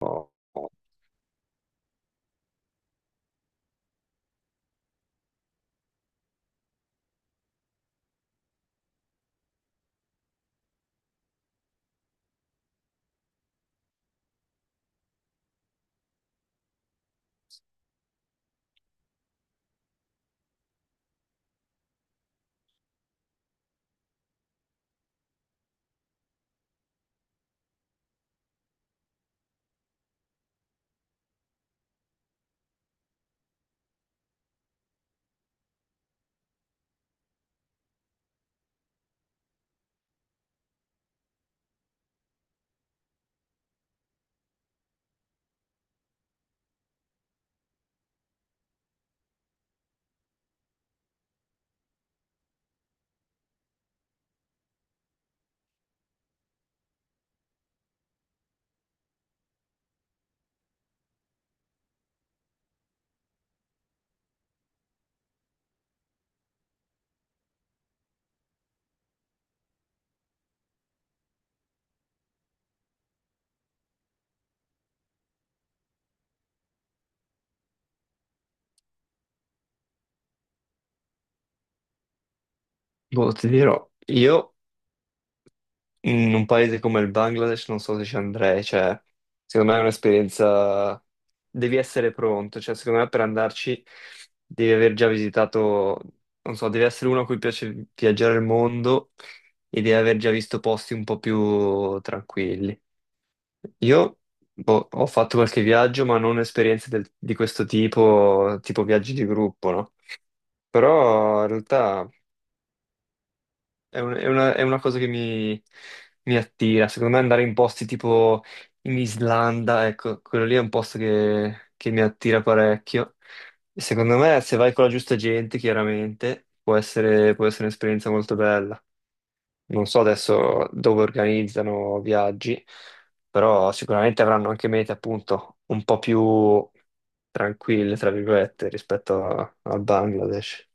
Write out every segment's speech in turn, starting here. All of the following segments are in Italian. Oh, boh, ti dirò, io in un paese come il Bangladesh non so se ci andrei, cioè, secondo me è un'esperienza, devi essere pronto, cioè, secondo me per andarci devi aver già visitato, non so, devi essere uno a cui piace viaggiare il mondo e devi aver già visto posti un po' più tranquilli. Io, boh, ho fatto qualche viaggio, ma non esperienze del- di questo tipo, tipo viaggi di gruppo, no? Però in realtà... È una cosa che mi attira. Secondo me andare in posti tipo in Islanda, ecco, quello lì è un posto che mi attira parecchio. E secondo me, se vai con la giusta gente, chiaramente, può essere un'esperienza molto bella. Non so adesso dove organizzano viaggi, però sicuramente avranno anche mete, appunto, un po' più tranquille, tra virgolette, rispetto a- al Bangladesh.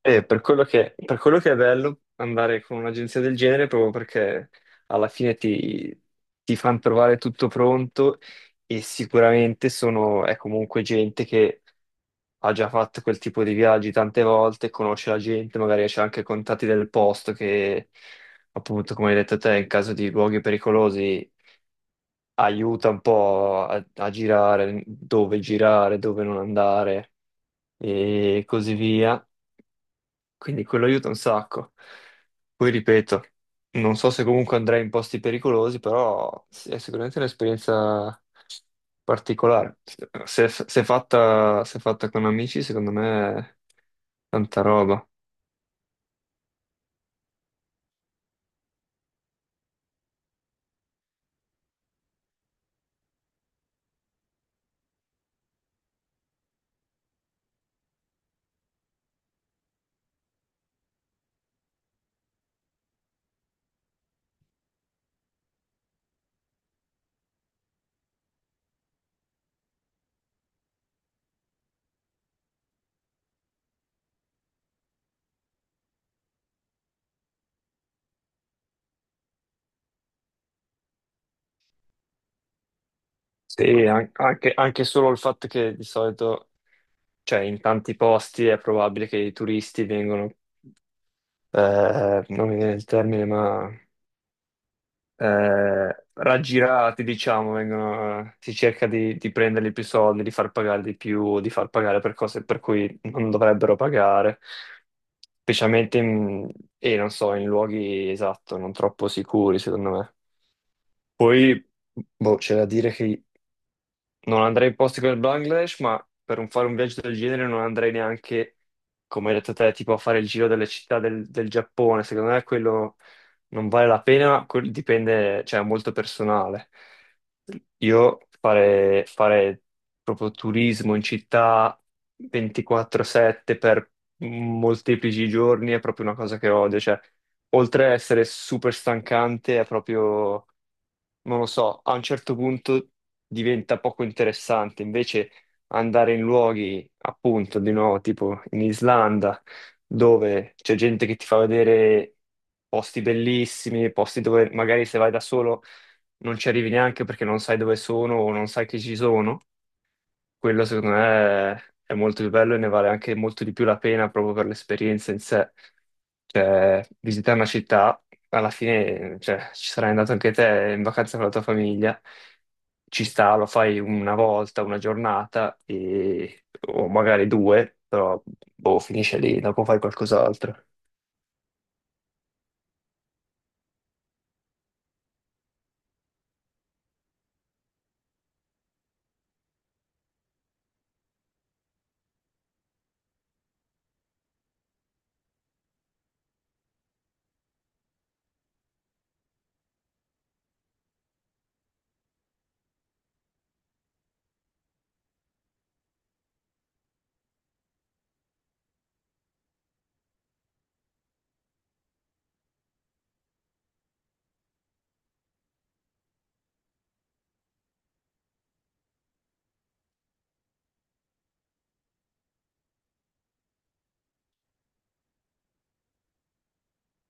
Per quello che è bello andare con un'agenzia del genere, proprio perché alla fine ti fanno trovare tutto pronto e sicuramente è comunque gente che ha già fatto quel tipo di viaggi tante volte, conosce la gente, magari c'è anche contatti del posto che, appunto, come hai detto te, in caso di luoghi pericolosi aiuta un po' a girare, dove non andare e così via. Quindi quello aiuta un sacco. Poi ripeto, non so se comunque andrei in posti pericolosi, però sì, è sicuramente un'esperienza particolare. Se fatta con amici, secondo me è tanta roba. Sì, an- anche, anche solo il fatto che di solito, cioè in tanti posti è probabile che i turisti vengono, non mi viene il termine, ma raggirati, diciamo, vengono, si cerca di prenderli più soldi, di far pagare di più, di far pagare per cose per cui non dovrebbero pagare, specialmente in, e non so, in luoghi esatto, non troppo sicuri, secondo me. Poi, boh, c'è da dire che non andrei in posti come il Bangladesh, ma per un- fare un viaggio del genere non andrei neanche, come hai detto te, tipo a fare il giro delle città del, del Giappone. Secondo me quello non vale la pena, quel- dipende, cioè è molto personale. Io fare, fare proprio turismo in città 24/7 per molteplici giorni è proprio una cosa che odio. Cioè, oltre a essere super stancante, è proprio non lo so, a un certo punto diventa poco interessante. Invece andare in luoghi, appunto, di nuovo, tipo in Islanda, dove c'è gente che ti fa vedere posti bellissimi, posti dove magari se vai da solo non ci arrivi neanche perché non sai dove sono o non sai che ci sono. Quello secondo me è molto più bello e ne vale anche molto di più la pena proprio per l'esperienza in sé. Cioè, visitare una città, alla fine, cioè, ci sarai andato anche te in vacanza con la tua famiglia, ci sta, lo fai una volta, una giornata, e- o magari due, però boh, finisce lì, dopo fai qualcos'altro.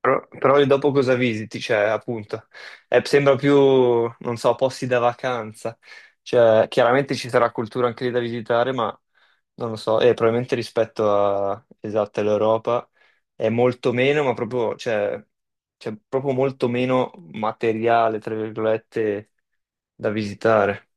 Però lì dopo cosa visiti? Cioè, appunto, sembra più, non so, posti da vacanza. Cioè, chiaramente ci sarà cultura anche lì da visitare, ma non lo so, e probabilmente rispetto a, esatto, all'Europa è molto meno, ma proprio, cioè, c'è proprio molto meno materiale, tra virgolette, da visitare.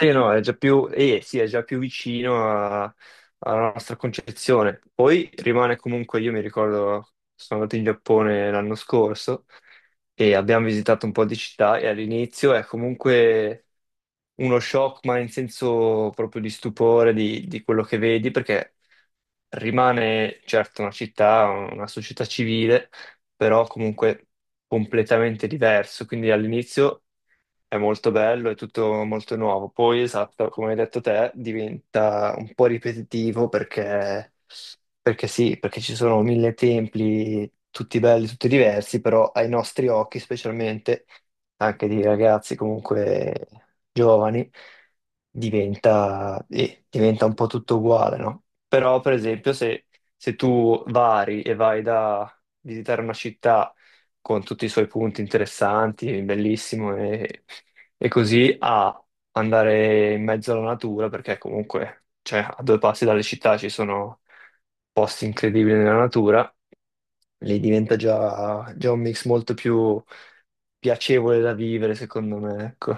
Sì, no, è già sì, è già più vicino a- alla nostra concezione. Poi rimane comunque, io mi ricordo, sono andato in Giappone l'anno scorso e abbiamo visitato un po' di città e all'inizio è comunque uno shock, ma in senso proprio di stupore di quello che vedi, perché rimane certo una città, una società civile, però comunque completamente diverso. Quindi all'inizio è molto bello, è tutto molto nuovo. Poi, esatto, come hai detto te, diventa un po' ripetitivo perché sì, perché ci sono mille templi, tutti belli, tutti diversi, però ai nostri occhi, specialmente anche di ragazzi comunque giovani, diventa un po' tutto uguale, no? Però, per esempio, se tu vari e vai da visitare una città con tutti i suoi punti interessanti, bellissimo e così a andare in mezzo alla natura, perché comunque, cioè, a due passi dalle città ci sono posti incredibili nella natura, lì diventa già un mix molto più piacevole da vivere, secondo me, ecco.